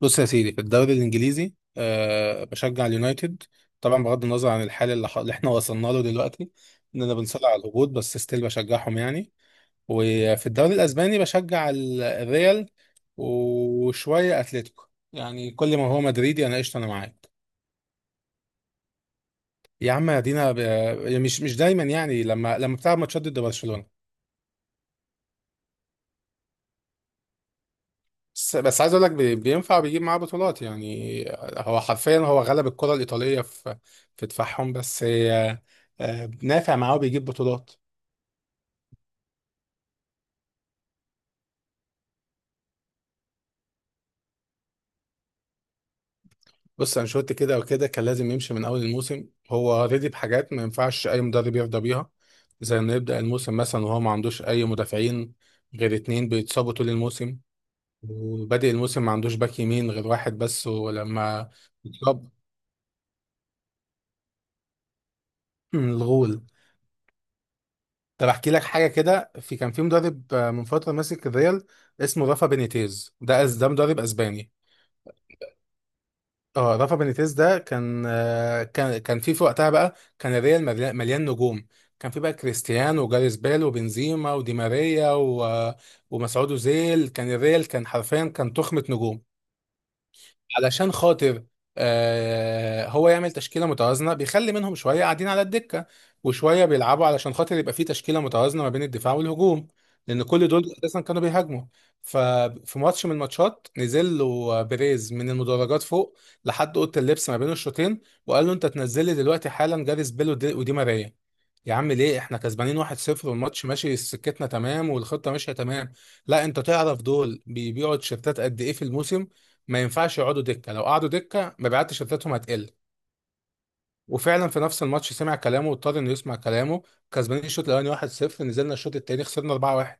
بص يا سيدي، في الدوري الانجليزي بشجع اليونايتد طبعا، بغض النظر عن الحال اللي احنا وصلنا له دلوقتي، اننا بنصارع على الهبوط. بس ستيل بشجعهم يعني. وفي الدوري الاسباني بشجع الريال وشويه اتلتيكو. يعني كل ما هو مدريدي انا قشطه، انا معاك. يا عم ادينا مش دايما، يعني لما بتلعب ماتشات ضد برشلونه. بس عايز اقول لك بينفع بيجيب معاه بطولات يعني. هو حرفيا غلب الكرة الإيطالية في دفاعهم بس. نافع معاه وبيجيب بطولات. بص، أنشيلوتي كده وكده كان لازم يمشي من أول الموسم. هو رضي بحاجات ما ينفعش أي مدرب يرضى بيها، زي إنه يبدأ الموسم مثلا وهو ما عندوش أي مدافعين غير اتنين بيتصابوا طول الموسم، وبادئ الموسم ما عندوش باك يمين غير واحد بس. ولما اتصاب الغول. طب احكي لك حاجه كده. كان في مدرب من فتره ماسك الريال اسمه رافا بينيتيز. ده مدرب اسباني. اه، رافا بينيتيز ده كان كان في وقتها بقى. كان الريال مليان مليان نجوم. كان في بقى كريستيانو وجاريث بيل وبنزيما ودي ماريا ومسعود اوزيل. كان الريال كان حرفيا كان تخمه نجوم. علشان خاطر هو يعمل تشكيله متوازنه، بيخلي منهم شويه قاعدين على الدكه وشويه بيلعبوا، علشان خاطر يبقى في تشكيله متوازنه ما بين الدفاع والهجوم، لان كل دول اساسا كانوا بيهاجموا. ففي ماتش من الماتشات نزل له بيريز من المدرجات فوق لحد اوضه اللبس ما بين الشوطين، وقال له: انت تنزل لي دلوقتي حالا جاريس بيل ودي ماريا. يا عم ليه؟ احنا كسبانين 1-0، والماتش ماشي سكتنا تمام، والخطه ماشيه تمام. لا، انت تعرف دول بيبيعوا تيشيرتات قد ايه في الموسم؟ ما ينفعش يقعدوا دكه، لو قعدوا دكه مبيعات تيشيرتاتهم هتقل. وفعلا في نفس الماتش سمع كلامه، واضطر انه يسمع كلامه. كسبانين الشوط الاولاني 1-0، نزلنا الشوط التاني خسرنا 4-1.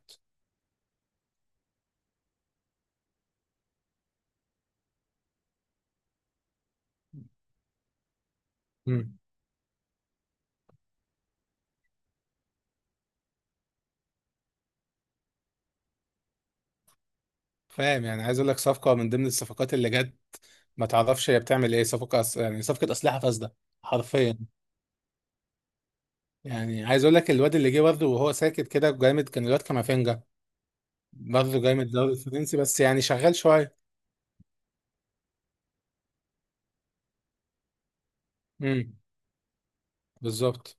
امم، فاهم. يعني عايز اقول لك، صفقه من ضمن الصفقات اللي جت ما تعرفش هي بتعمل ايه. صفقه يعني صفقه اسلحه فاسده حرفيا. يعني عايز اقول لك الواد اللي جه برضه وهو ساكت كده جامد، كان الواد كامافينجا، برضه جاي من الدوري الفرنسي بس يعني شغال شويه. امم، بالظبط.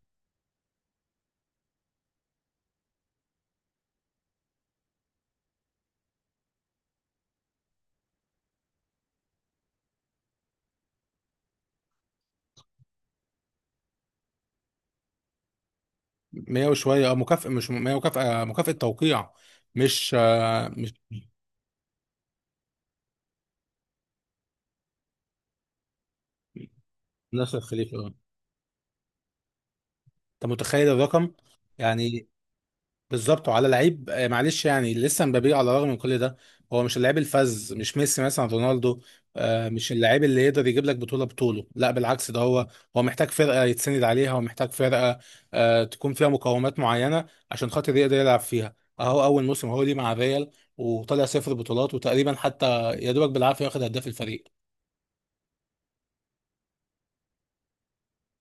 100 وشويه، اه، مكافأة. مش 100 مكافأة، مكافأة توقيع. مش 12 خليفة اه. انت متخيل الرقم؟ يعني بالظبط. وعلى لعيب معلش، يعني لسه مبابي على الرغم من كل ده هو مش اللعيب الفذ. مش ميسي مثلا، رونالدو. مش اللعيب اللي يقدر يجيب لك بطوله. لا بالعكس، ده هو هو محتاج فرقة يتسند عليها، ومحتاج فرقة تكون فيها مقومات معينة عشان خاطر يقدر يلعب فيها. اهو اول موسم هو ليه مع الريال وطلع صفر بطولات، وتقريبا حتى يا دوبك بالعافية واخد هداف الفريق.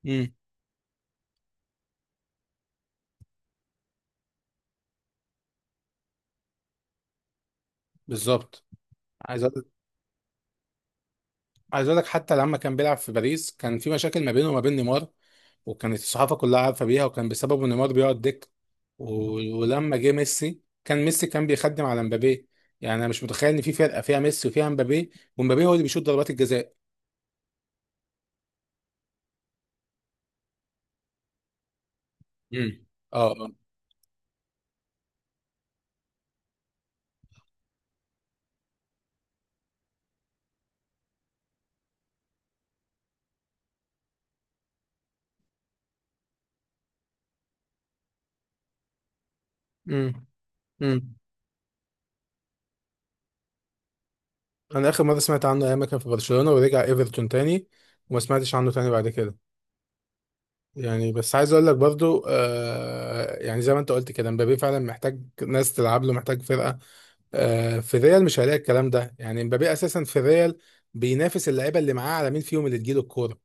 امم، بالظبط. عايز أقول عايز اقول لك حتى لما كان بيلعب في باريس كان في مشاكل ما بينه وما بين نيمار، وكانت الصحافه كلها عارفه بيها، وكان بسببه نيمار بيقعد دك. ولما جه ميسي كان ميسي كان بيخدم على مبابي. يعني انا مش متخيل ان في فرقه فيها ميسي وفيها مبابي ومبابي هو اللي بيشوط ضربات الجزاء. امم، اه آه. امم، امم. انا اخر مره سمعت عنه ايام ما كان في برشلونه ورجع ايفرتون تاني، وما سمعتش عنه تاني بعد كده. يعني بس عايز اقول لك برضو يعني زي ما انت قلت كده، مبابي فعلا محتاج ناس تلعب له، محتاج فرقه. في الريال مش هلاقي الكلام ده. يعني مبابي اساسا في الريال بينافس اللعيبه اللي معاه على مين فيهم اللي تجيله الكوره.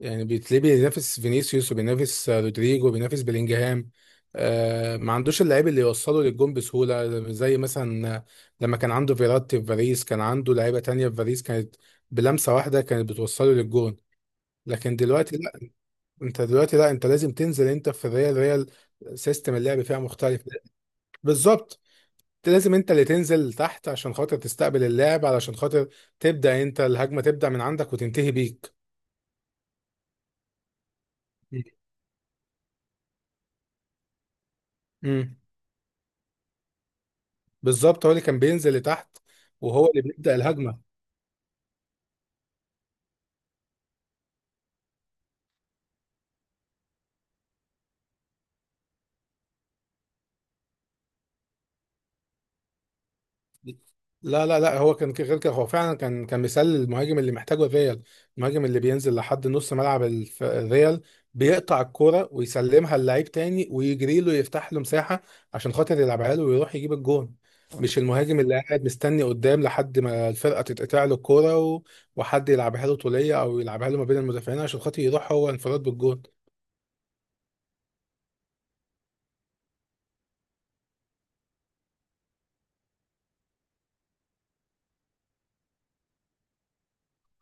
يعني بتلاقيه بينافس فينيسيوس وبينافس رودريجو وبينافس بلينجهام. ما عندوش اللعيب اللي يوصله للجون بسهوله، زي مثلا لما كان عنده فيراتي في باريس كان عنده لعيبه تانية في باريس، كانت بلمسه واحده كانت بتوصله للجون. لكن دلوقتي انت دلوقتي، لا، انت لازم تنزل، انت في الريال. ريال سيستم اللعب فيها مختلف. بالظبط. انت لازم انت اللي تنزل تحت عشان خاطر تستقبل اللعب، علشان خاطر تبدا انت الهجمه، تبدا من عندك وتنتهي بيك. امم، بالظبط، هو اللي كان بينزل لتحت وهو اللي بيبدا الهجمه. لا، لا، لا، هو كان غير كده. هو فعلا كان مثال للمهاجم اللي محتاجه الريال. المهاجم اللي بينزل لحد نص ملعب الريال، بيقطع الكرة ويسلمها للعيب تاني ويجري له يفتح له مساحة عشان خاطر يلعبها له ويروح يجيب الجون. مش المهاجم اللي قاعد مستني قدام لحد ما الفرقة تتقطع له الكرة وحد يلعبها له طولية أو يلعبها له ما بين المدافعين عشان خاطر يروح هو انفراد بالجون.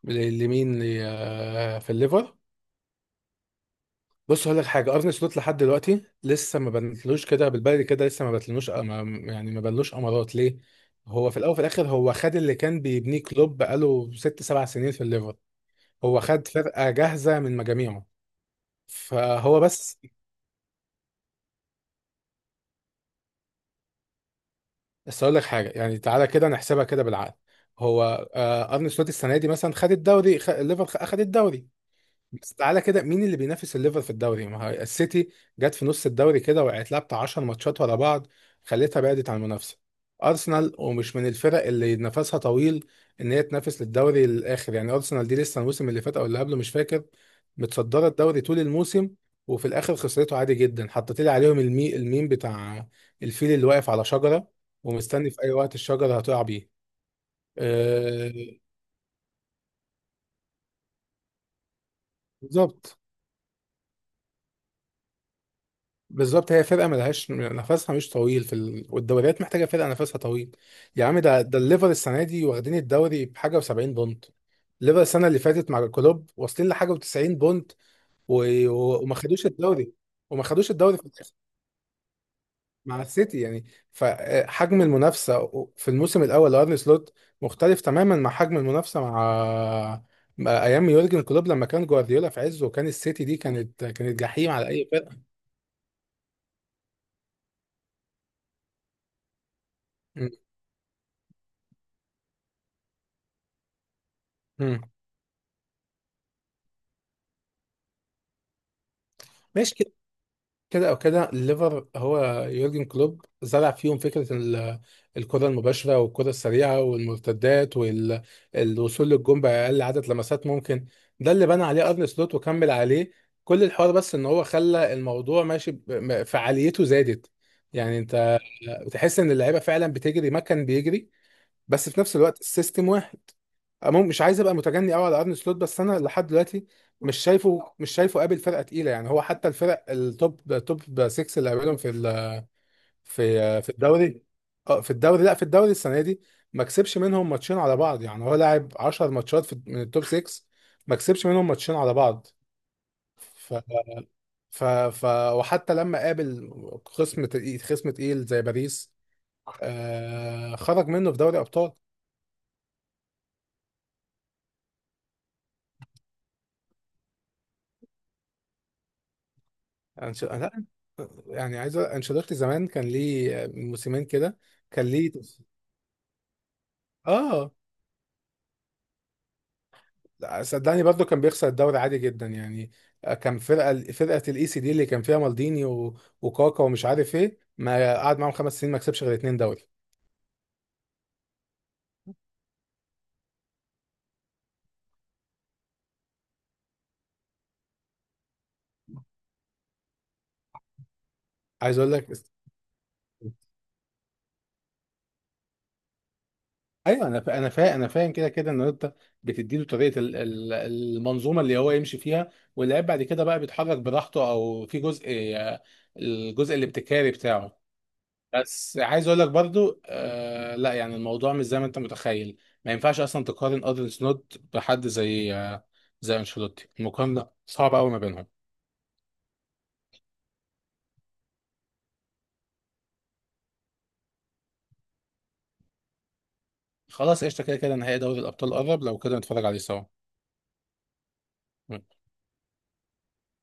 ل- لمين ل- آه، في الليفر؟ بص هقول لك حاجه. ارني سلوت لحد دلوقتي لسه ما بنتلوش كده بالبلدي، كده لسه ما بنتلوش ما، يعني ما بنلوش امارات ليه. هو في الاول وفي الاخر هو خد اللي كان بيبنيه كلوب بقاله 6 7 سنين في الليفر. هو خد فرقه جاهزه من مجاميعه، فهو بس. بس اقول لك حاجه، يعني تعالى كده نحسبها كده بالعقل. هو ارني سلوت السنه دي مثلا خد الدوري اخد الدوري. بس تعالى كده، مين اللي بينافس الليفر في الدوري؟ ما هي السيتي جت في نص الدوري كده وقعت لها بتاع 10 ماتشات ورا بعض خلتها بعدت عن المنافسه. ارسنال ومش من الفرق اللي نفسها طويل ان هي تنافس للدوري للاخر. يعني ارسنال دي لسه الموسم اللي فات او اللي قبله مش فاكر، متصدره الدوري طول الموسم وفي الاخر خسرته عادي جدا. حطيت لي عليهم المي الميم بتاع الفيل اللي واقف على شجره ومستني في اي وقت الشجره هتقع بيه. أه، بالظبط. بالظبط، هي فرقه ملهاش نفسها مش طويل والدوريات محتاجه فرقه نفسها طويل. يا عم ده ده الليفر السنه دي واخدين الدوري بحاجه و70 بونت. الليفر السنه اللي فاتت مع كلوب واصلين لحاجه و90 بونت. و... وما خدوش الدوري. وما خدوش الدوري في الاخر مع السيتي يعني. فحجم المنافسه في الموسم الاول لارني سلوت مختلف تماما مع حجم المنافسه مع مع ايام يورجن كلوب لما كان جوارديولا في عزه، وكان السيتي دي كانت كانت جحيم على اي فرقه. م- م. ماشي. كده او كده الليفر هو، يورجن كلوب زرع فيهم فكره الكره المباشره والكره السريعه والمرتدات والوصول للجون باقل عدد لمسات ممكن. ده اللي بنى عليه ارن سلوت وكمل عليه كل الحوار. بس ان هو خلى الموضوع ماشي فعاليته زادت يعني. انت بتحس ان اللعيبه فعلا بتجري ما كان بيجري، بس في نفس الوقت السيستم واحد. مش عايز ابقى متجني قوي على ارن سلوت، بس انا لحد دلوقتي مش شايفه قابل فرقه تقيله. يعني هو حتى الفرق التوب توب 6 اللي قابلهم في الدوري، اه في الدوري، لا في الدوري السنه دي ما كسبش منهم ماتشين على بعض. يعني هو لاعب 10 ماتشات في من التوب 6 ما كسبش منهم ماتشين على بعض. ف ف ف وحتى لما قابل خصم تقيل خصم تقيل زي باريس، خرج منه في دوري ابطال. يعني لا، يعني انشيلوتي زمان كان ليه من موسمين كده. كان ليه اه. لا، صدقني برضو كان بيخسر الدوري عادي جدا يعني. كان فرقه الاي سي دي اللي كان فيها مالديني وكاكا ومش عارف ايه. ما قعد معاهم 5 سنين ما كسبش غير اتنين دوري. عايز اقول لك، ايوه انا انا فاهم كده، كده ان انت بتديله طريقه المنظومه اللي هو يمشي فيها، واللاعب بعد كده بقى بيتحرك براحته او في جزء، آه، الجزء الابتكاري بتاعه. بس عايز اقول لك برضو لا، يعني الموضوع مش زي ما انت متخيل. ما ينفعش اصلا تقارن ادري سنوت بحد زي زي انشيلوتي. المقارنه صعبه قوي ما بينهم. خلاص قشطه، كده كده نهائي دوري الابطال قرب، لو كده نتفرج عليه سوا.